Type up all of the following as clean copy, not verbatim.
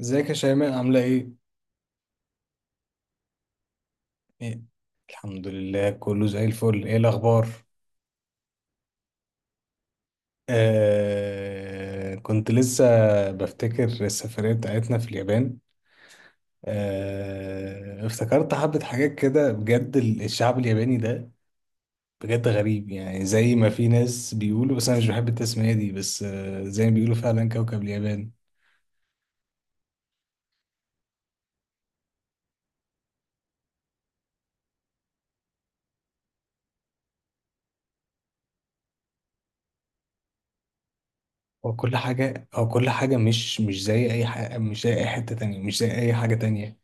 ازيك يا شيماء عاملة ايه؟ ايه. الحمد لله كله زي الفل. ايه الأخبار؟ آه، كنت لسه بفتكر السفرية بتاعتنا في اليابان. آه افتكرت حبة حاجات كده. بجد الشعب الياباني ده بجد غريب. يعني زي ما في ناس بيقولوا، بس أنا مش بحب التسمية دي، بس آه، زي ما بيقولوا فعلا كوكب اليابان. هو كل حاجة مش زي أي حاجة، مش زي أي حتة تانية، مش زي أي حاجة تانية.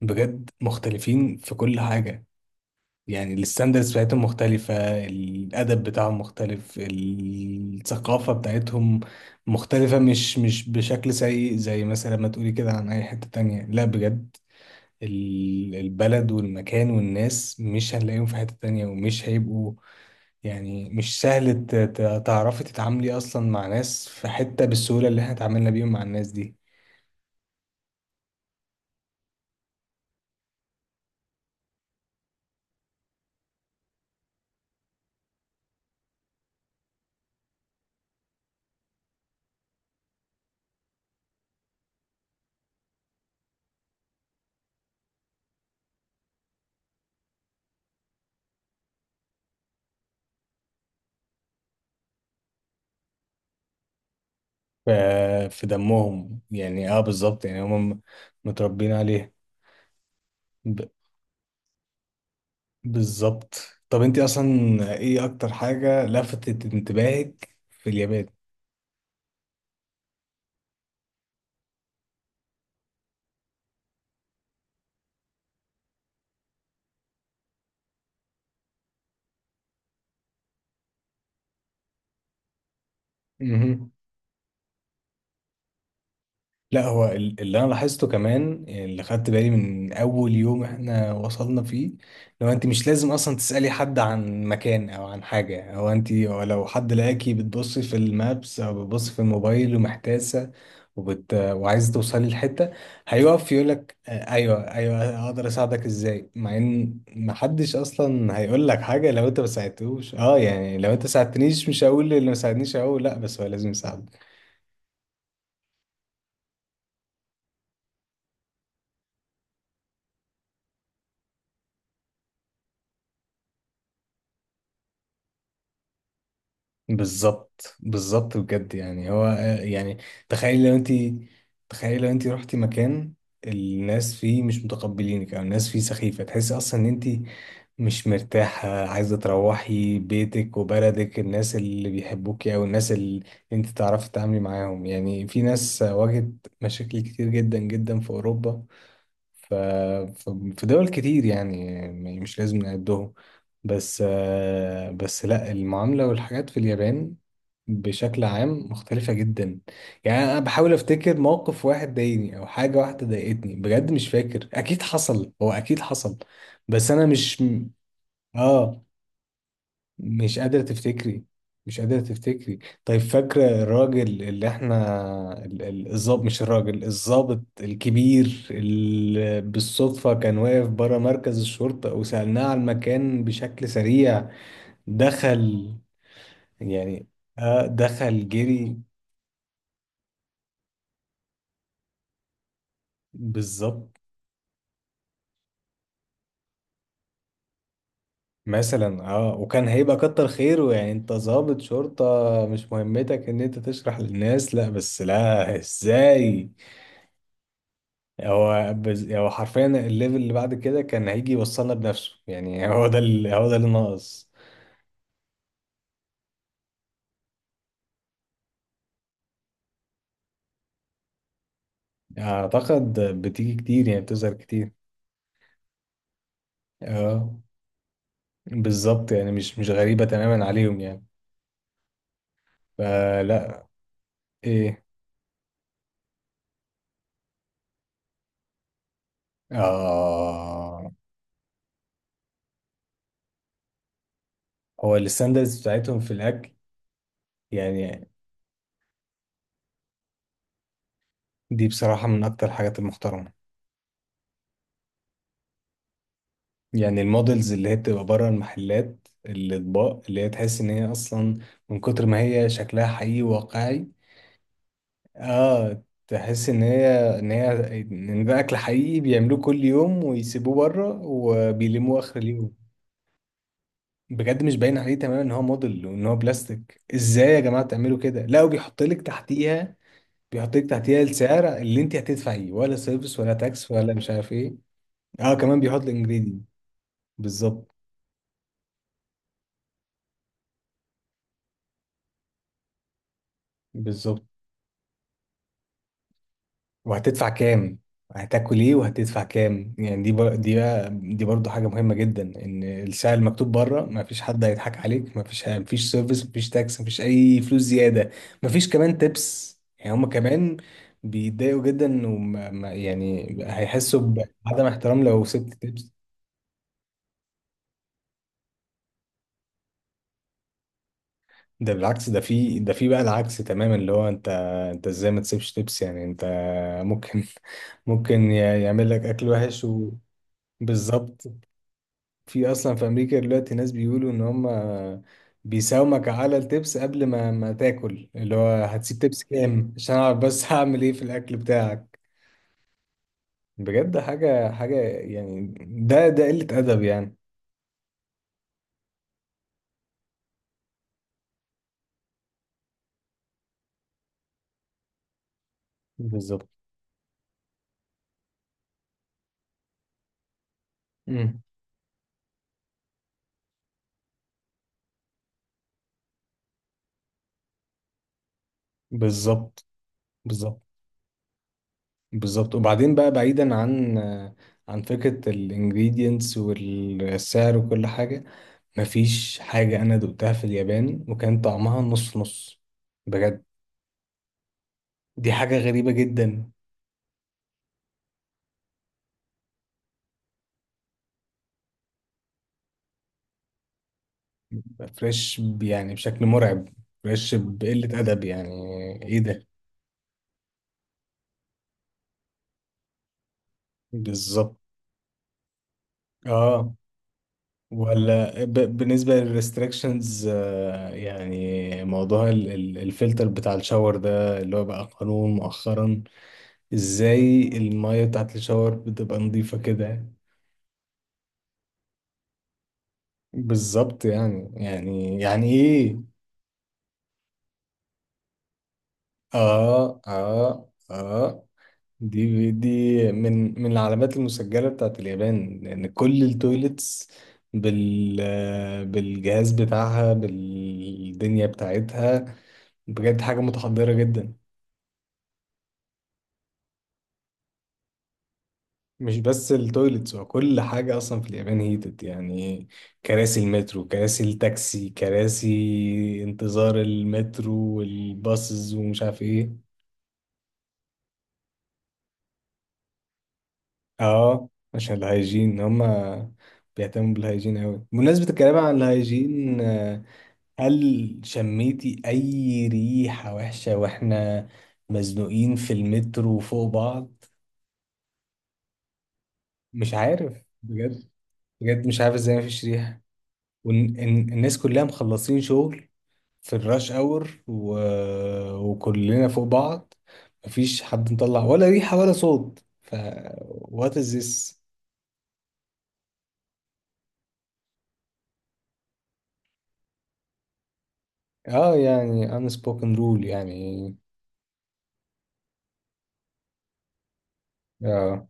بجد مختلفين في كل حاجة. يعني الستاندرز بتاعتهم مختلفة، الأدب بتاعهم مختلف، الثقافة بتاعتهم مختلفة. مش بشكل سيء زي مثلا ما تقولي كده عن أي حتة تانية، لا بجد. البلد والمكان والناس مش هنلاقيهم في حتة تانية ومش هيبقوا. يعني مش سهل تعرفي تتعاملي أصلا مع ناس في حتة بالسهولة اللي احنا اتعاملنا بيهم مع الناس دي. ف- في دمهم، يعني اه، بالظبط، يعني هم متربيين عليه. بالظبط. طب انت اصلا ايه اكتر حاجة لفتت انتباهك في اليابان؟ مهم. لا هو اللي انا لاحظته كمان، اللي خدت بالي من اول يوم احنا وصلنا فيه، لو انت مش لازم اصلا تسألي حد عن مكان او عن حاجة، او انت أو لو حد لقاكي بتبصي في المابس او بتبصي في الموبايل ومحتاسة وعايزة توصلي لحتة، هيقف يقولك آه، ايوه ايوه اقدر اساعدك ازاي. مع ان محدش اصلا هيقول لك حاجة لو انت ما ساعدتوش. اه يعني لو انت ساعدتنيش مش هقول اللي ما ساعدنيش، هقول لا بس هو لازم يساعدك. بالظبط بالظبط. بجد، يعني هو آه، يعني تخيل لو انت تخيل لو انت رحتي مكان الناس فيه مش متقبلينك او الناس فيه سخيفة، تحسي اصلا ان انت مش مرتاحة، عايزة تروحي بيتك وبلدك. الناس اللي بيحبوكي او الناس اللي انت تعرفي تتعاملي معاهم. يعني في ناس واجهت مشاكل كتير جدا جدا في اوروبا. ف... ف- في دول كتير يعني مش لازم نعدهم. بس آه، بس لا، المعاملة والحاجات في اليابان بشكل عام مختلفة جدا. يعني أنا بحاول أفتكر موقف واحد ضايقني أو حاجة واحدة ضايقتني، بجد مش فاكر. أكيد حصل، هو أكيد حصل، بس أنا مش آه، مش قادرة تفتكري. مش قادرة تفتكري. طيب فاكرة الراجل اللي احنا الظابط، مش الراجل الظابط الكبير اللي بالصدفة كان واقف برا مركز الشرطة وسألناه على المكان بشكل سريع، دخل. يعني اه دخل جري. بالظبط. مثلا اه وكان هيبقى كتر خيره، يعني انت ظابط شرطة مش مهمتك ان انت تشرح للناس. لا بس لا ازاي، هو حرفيا الليفل اللي بعد كده كان هيجي يوصلنا بنفسه، يعني هو ده اللي ناقص. اعتقد بتيجي كتير، يعني بتظهر كتير. اه بالظبط، يعني مش غريبة تماما عليهم يعني. فلا. ايه. اه هو الستاندرز بتاعتهم في الاكل يعني، دي بصراحة من اكتر الحاجات المحترمة. يعني المودلز اللي هي بتبقى بره المحلات، الاطباق اللي هي تحس ان هي اصلا من كتر ما هي شكلها حقيقي واقعي. اه تحس ان هي ان ده اكل حقيقي بيعملوه كل يوم ويسيبوه بره وبيلموه اخر اليوم. بجد مش باين عليه تماما ان هو موديل وان هو بلاستيك. ازاي يا جماعه تعملوا كده! لا وبيحط لك تحتيها، بيحط لك تحتيها السعر اللي انت هتدفعيه، ولا سيرفيس ولا تاكس ولا مش عارف ايه. اه كمان بيحط الانجريدينت. بالظبط بالظبط، وهتدفع كام. هتاكل ايه وهتدفع كام. يعني دي دي برضو حاجه مهمه جدا، ان السعر المكتوب بره ما فيش حد هيضحك عليك. ما فيش سيرفيس، ما فيش تاكس، ما فيش اي فلوس زياده. ما فيش كمان تيبس. يعني هما كمان بيتضايقوا جدا وما ما- يعني هيحسوا بعدم احترام لو سبت تيبس. ده بالعكس، ده في بقى العكس تماما، اللي هو انت انت ازاي ما تسيبش تيبس. يعني انت ممكن ممكن يعمل لك اكل وحش. وبالظبط، في اصلا في امريكا دلوقتي ناس بيقولوا ان هم بيساومك على التبس قبل ما تاكل، اللي هو هتسيب تبس كام عشان اعرف بس هعمل ايه في الاكل بتاعك. بجد حاجة يعني، ده قلة ادب يعني. بالظبط. امم، بالظبط بالظبط. بالظبط وبعدين بقى بعيدا عن فكرة الانجريدينتس والسعر وكل حاجة، مفيش حاجة أنا دقتها في اليابان وكان طعمها نص نص. بجد دي حاجة غريبة جدا. فريش يعني بشكل مرعب، فريش بقلة أدب يعني. إيه ده! بالظبط. آه. ولا بالنسبة للريستريكشنز، يعني موضوع الفلتر بتاع الشاور ده اللي هو بقى قانون مؤخرا، إزاي المية بتاعت الشاور بتبقى نظيفة كده. بالظبط. يعني إيه. آه آه آه. دي من العلامات المسجلة بتاعت اليابان، لأن كل التويلتس بال بالجهاز بتاعها بالدنيا بتاعتها، بجد حاجة متحضرة جدا. مش بس التويلتس، هو كل حاجة أصلا في اليابان هيتد يعني، كراسي المترو، كراسي التاكسي، كراسي انتظار المترو والباصز ومش عارف ايه. اه عشان الهايجين، هما بيهتموا بالهايجين أوي. بمناسبة الكلام عن الهايجين، هل شميتي أي ريحة وحشة وإحنا مزنوقين في المترو فوق بعض؟ مش عارف بجد. بجد مش عارف إزاي مفيش ريحة. والناس كلها مخلصين شغل في الراش أور وكلنا فوق بعض، مفيش حد مطلع ولا ريحة ولا صوت. ف what is this؟ آه يعني unspoken rule يعني. آه،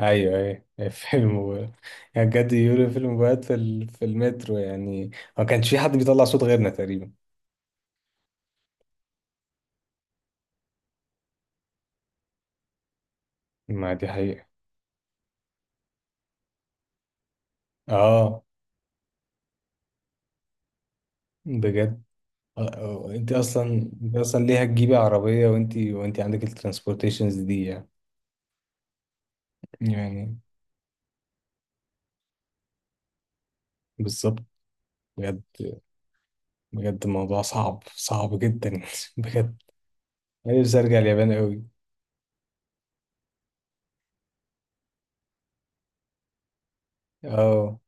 ايوه ايوه فيلم يعني بجد يوري فيلم بجد في في المترو يعني. ما كانش في حد بيطلع صوت غيرنا تقريبا. ما دي حقيقة. اه بجد. آه، آه، انت اصلا ليه هتجيبي عربية وانت عندك الترانسبورتيشنز دي يعني، يعني بالظبط. بجد بجد الموضوع صعب، صعب جدا بجد انا نفسي ارجع اليابان قوي. اه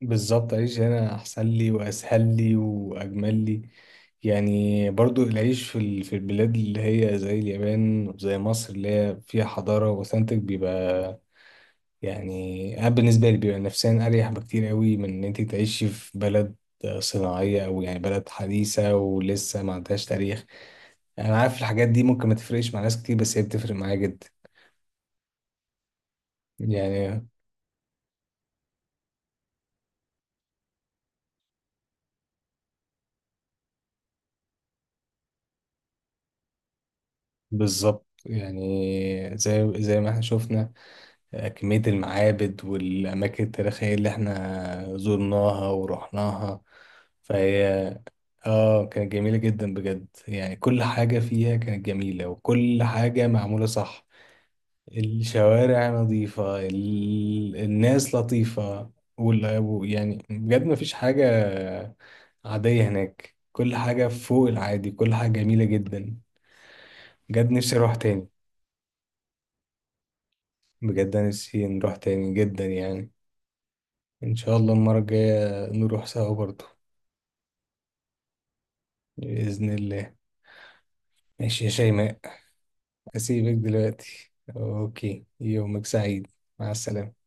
بالظبط، أعيش هنا أحسن لي وأسهل لي وأجمل لي. يعني برضو العيش في في البلاد اللي هي زي اليابان وزي مصر اللي هي فيها حضارة وأوثنتك بيبقى، يعني أنا بالنسبة لي بيبقى نفسيا أريح بكتير قوي من إن أنت تعيشي في بلد صناعية أو يعني بلد حديثة ولسه ما عندهاش تاريخ. أنا عارف الحاجات دي ممكن ما تفرقش مع ناس كتير بس هي بتفرق معايا جدا. يعني بالظبط. يعني زي ما احنا شفنا كمية المعابد والأماكن التاريخية اللي احنا زرناها ورحناها. فهي اه كانت جميلة جدا بجد. يعني كل حاجة فيها كانت جميلة وكل حاجة معمولة صح. الشوارع نظيفة، الناس لطيفة، يعني بجد مفيش حاجة عادية هناك. كل حاجة فوق العادي، كل حاجة جميلة جدا. بجد نفسي أروح تاني. بجد أنا نفسي نروح تاني جدا يعني. إن شاء الله المرة الجاية نروح سوا برضو. بإذن الله. ماشي يا شيماء أسيبك دلوقتي. أوكي يومك سعيد. مع السلامة.